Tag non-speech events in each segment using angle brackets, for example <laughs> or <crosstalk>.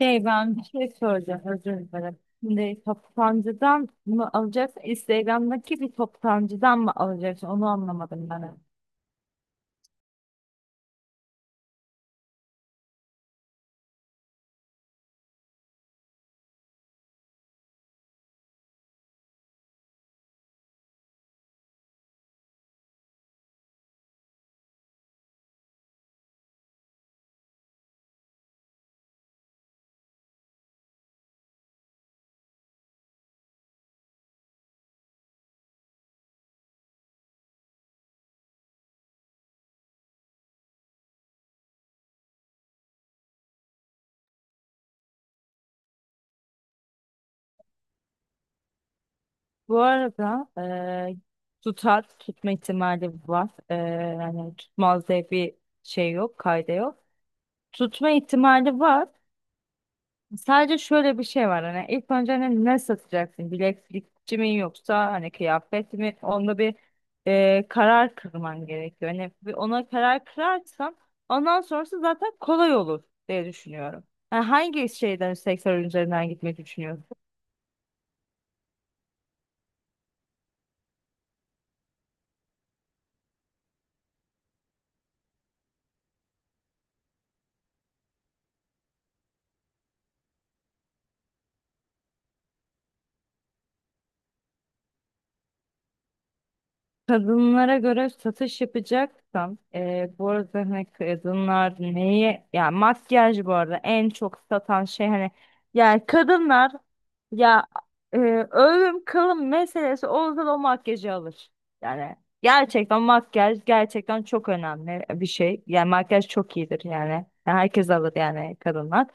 Şey ben bir şey soracağım özür dilerim. Şimdi toptancıdan mı alacaksın? Instagram'daki bir toptancıdan mı alacaksın? Onu anlamadım ben. Bu arada tutar tutma ihtimali var. Yani tutmaz diye bir şey yok, kayda yok. Tutma ihtimali var. Sadece şöyle bir şey var hani ilk önce hani ne satacaksın? Bileklikçi mi yoksa hani kıyafet mi? Onda bir karar kırman gerekiyor. Hani bir ona karar kırarsan ondan sonrası zaten kolay olur diye düşünüyorum. Yani hangi şeyden sektör üzerinden gitmeyi düşünüyorsun? Kadınlara göre satış yapacaksam bu arada hani kadınlar neyi ya makyaj bu arada en çok satan şey hani yani kadınlar ya e, ölüm kalım meselesi olsa da o makyajı alır. Yani gerçekten makyaj gerçekten çok önemli bir şey. Yani makyaj çok iyidir yani. Yani herkes alır yani kadınlar.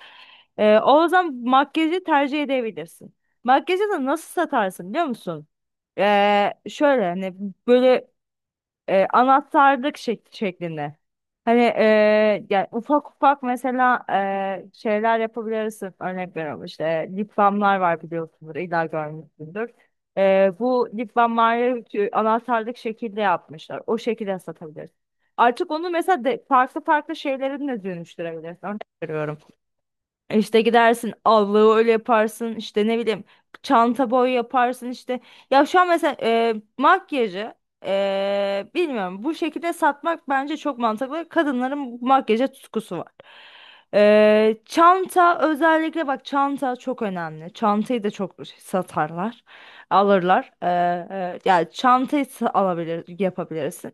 O zaman makyajı tercih edebilirsin. Makyajı da nasıl satarsın biliyor musun? Şöyle hani böyle anahtarlık şeklinde. Hani yani ufak ufak mesela şeyler yapabilirsin. Örnek veriyorum işte lip balmlar var biliyorsunuz. İlla görmüşsündür. Bu lip balmları şu anahtarlık şekilde yapmışlar. O şekilde satabilirsin. Artık onu mesela farklı farklı şeylere de dönüştürebilirsin. Örnek veriyorum. İşte gidersin allığı öyle yaparsın işte ne bileyim çanta boy yaparsın işte. Ya şu an mesela makyajı bilmiyorum bu şekilde satmak bence çok mantıklı. Kadınların makyaja tutkusu var. Çanta özellikle bak çanta çok önemli. Çantayı da çok satarlar alırlar. Yani çantayı alabilir yapabilirsin.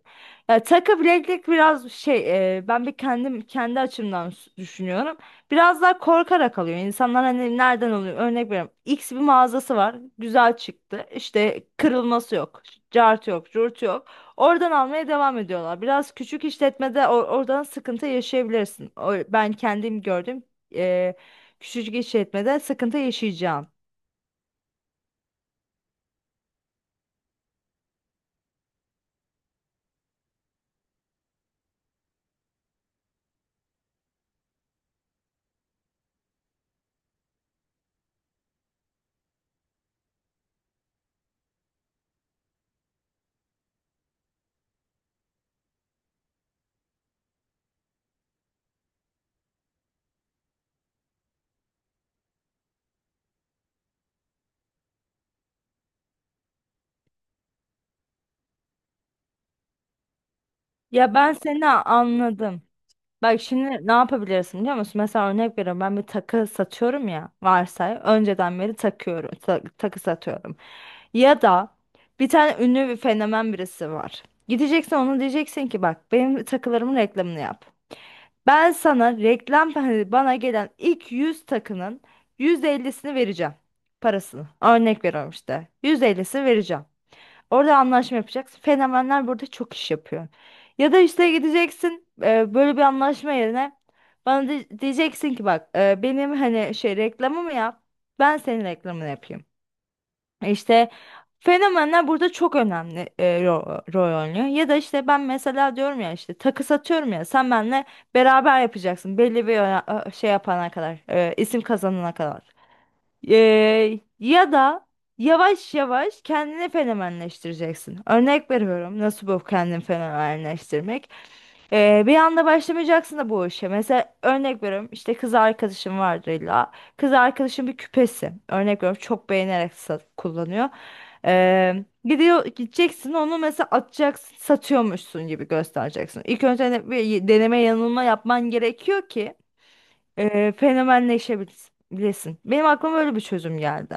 Ya takı bileklik biraz şey ben bir kendim kendi açımdan düşünüyorum. Biraz daha korkarak alıyor. İnsanlar hani nereden alıyor? Örnek veriyorum. X bir mağazası var. Güzel çıktı. İşte kırılması yok. Cart yok. Curt yok. Oradan almaya devam ediyorlar. Biraz küçük işletmede oradan sıkıntı yaşayabilirsin. Ben kendim gördüm. Eee küçücük işletmede sıkıntı yaşayacağım. Ya ben seni anladım. Bak şimdi ne yapabilirsin biliyor musun? Mesela örnek veriyorum ben bir takı satıyorum ya varsay. Önceden beri takıyorum. Takı satıyorum. Ya da bir tane ünlü bir fenomen birisi var. Gideceksin ona diyeceksin ki bak benim takılarımın reklamını yap. Ben sana reklam hani bana gelen ilk 100 takının %50'sini vereceğim. Parasını. Örnek veriyorum işte. %50'sini vereceğim. Orada anlaşma yapacaksın. Fenomenler burada çok iş yapıyor. Ya da işte gideceksin böyle bir anlaşma yerine bana diyeceksin ki bak benim hani şey reklamımı yap. Ben senin reklamını yapayım. İşte fenomenler burada çok önemli rol oynuyor. Ya da işte ben mesela diyorum ya işte takı satıyorum ya sen benimle beraber yapacaksın belli bir şey yapana kadar isim kazanana kadar. Ya da yavaş yavaş kendini fenomenleştireceksin. Örnek veriyorum. Nasıl bu kendini fenomenleştirmek? Bir anda başlamayacaksın da bu işe. Mesela örnek veriyorum işte kız arkadaşım vardır illa. Kız arkadaşım bir küpesi. Örnek veriyorum çok beğenerek kullanıyor. Gideceksin onu mesela atacaksın satıyormuşsun gibi göstereceksin. İlk önce bir deneme yanılma yapman gerekiyor ki fenomenleşebilirsin. Benim aklıma öyle bir çözüm geldi.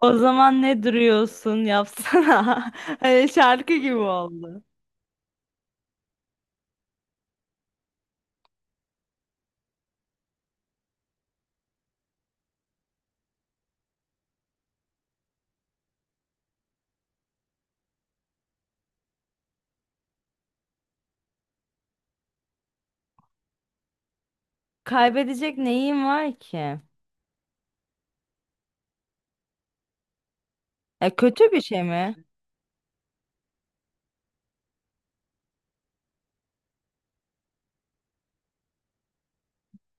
O zaman ne duruyorsun yapsana. <laughs> Hani şarkı gibi oldu. Kaybedecek neyim var ki? Kötü bir şey mi?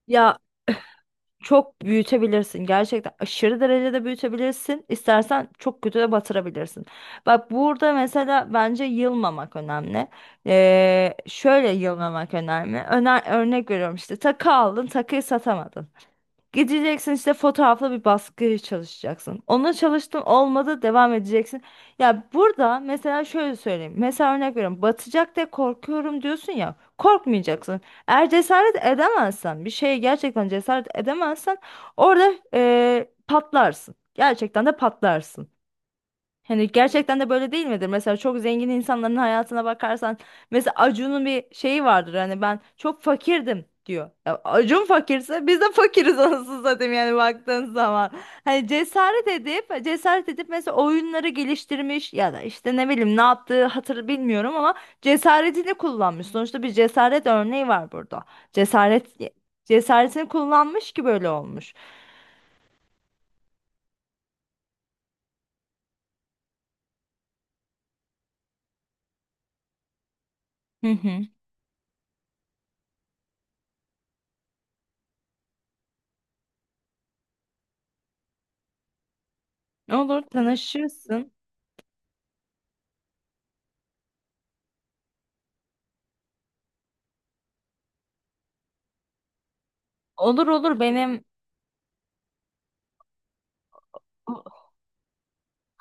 Ya çok büyütebilirsin. Gerçekten aşırı derecede büyütebilirsin. İstersen çok kötü de batırabilirsin. Bak burada mesela bence yılmamak önemli. Şöyle yılmamak önemli. Örnek veriyorum işte takı aldın takıyı satamadın. Gideceksin işte fotoğrafla bir baskı çalışacaksın. Ona çalıştın olmadı devam edeceksin. Ya burada mesela şöyle söyleyeyim. Mesela örnek veriyorum. Batacak diye korkuyorum diyorsun ya. Korkmayacaksın. Eğer cesaret edemezsen bir şeye gerçekten cesaret edemezsen orada patlarsın. Gerçekten de patlarsın. Hani gerçekten de böyle değil midir? Mesela çok zengin insanların hayatına bakarsan mesela Acun'un bir şeyi vardır. Hani ben çok fakirdim diyor. Ya Acun fakirse biz de fakiriz <laughs> anasını satayım yani baktığın zaman. Hani cesaret edip cesaret edip mesela oyunları geliştirmiş ya da işte ne bileyim ne yaptığı hatır bilmiyorum ama cesaretini kullanmış. Sonuçta bir cesaret örneği var burada. Cesaret Cesaretini kullanmış ki böyle olmuş. Hı hı. Olur tanışırsın. Olur olur, benim.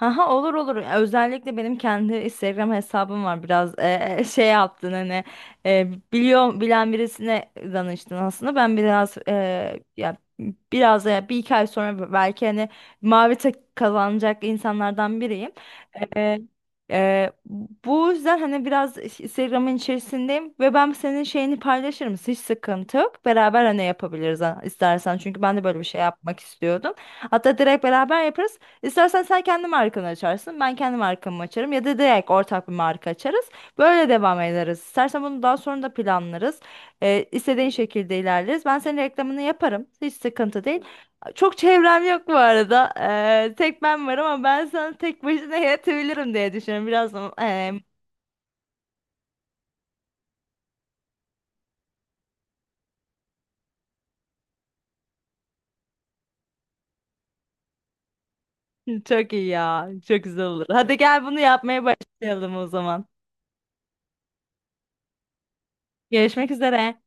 Haha, olur olur. Özellikle benim kendi Instagram hesabım var. Biraz şey yaptın hani bilen birisine danıştın aslında. Ben biraz ya biraz ya bir iki ay sonra belki hani mavi tek kazanacak insanlardan biriyim. Ee, e, Bu yüzden hani biraz Instagram'ın içerisindeyim ve ben senin şeyini paylaşırım. Hiç sıkıntı yok. Beraber hani yapabiliriz istersen. Çünkü ben de böyle bir şey yapmak istiyordum. Hatta direkt beraber yaparız. İstersen sen kendi markanı açarsın. Ben kendi markamı açarım. Ya da direkt ortak bir marka açarız. Böyle devam ederiz. İstersen bunu daha sonra da planlarız. İstediğin şekilde ilerleriz. Ben senin reklamını yaparım. Hiç sıkıntı değil. Çok çevrem yok bu arada. Tek ben varım ama ben sana tek başına yetebilirim diye düşünüyorum. Biraz ee, çok iyi ya. Çok güzel olur. Hadi gel bunu yapmaya başlayalım o zaman. Görüşmek üzere.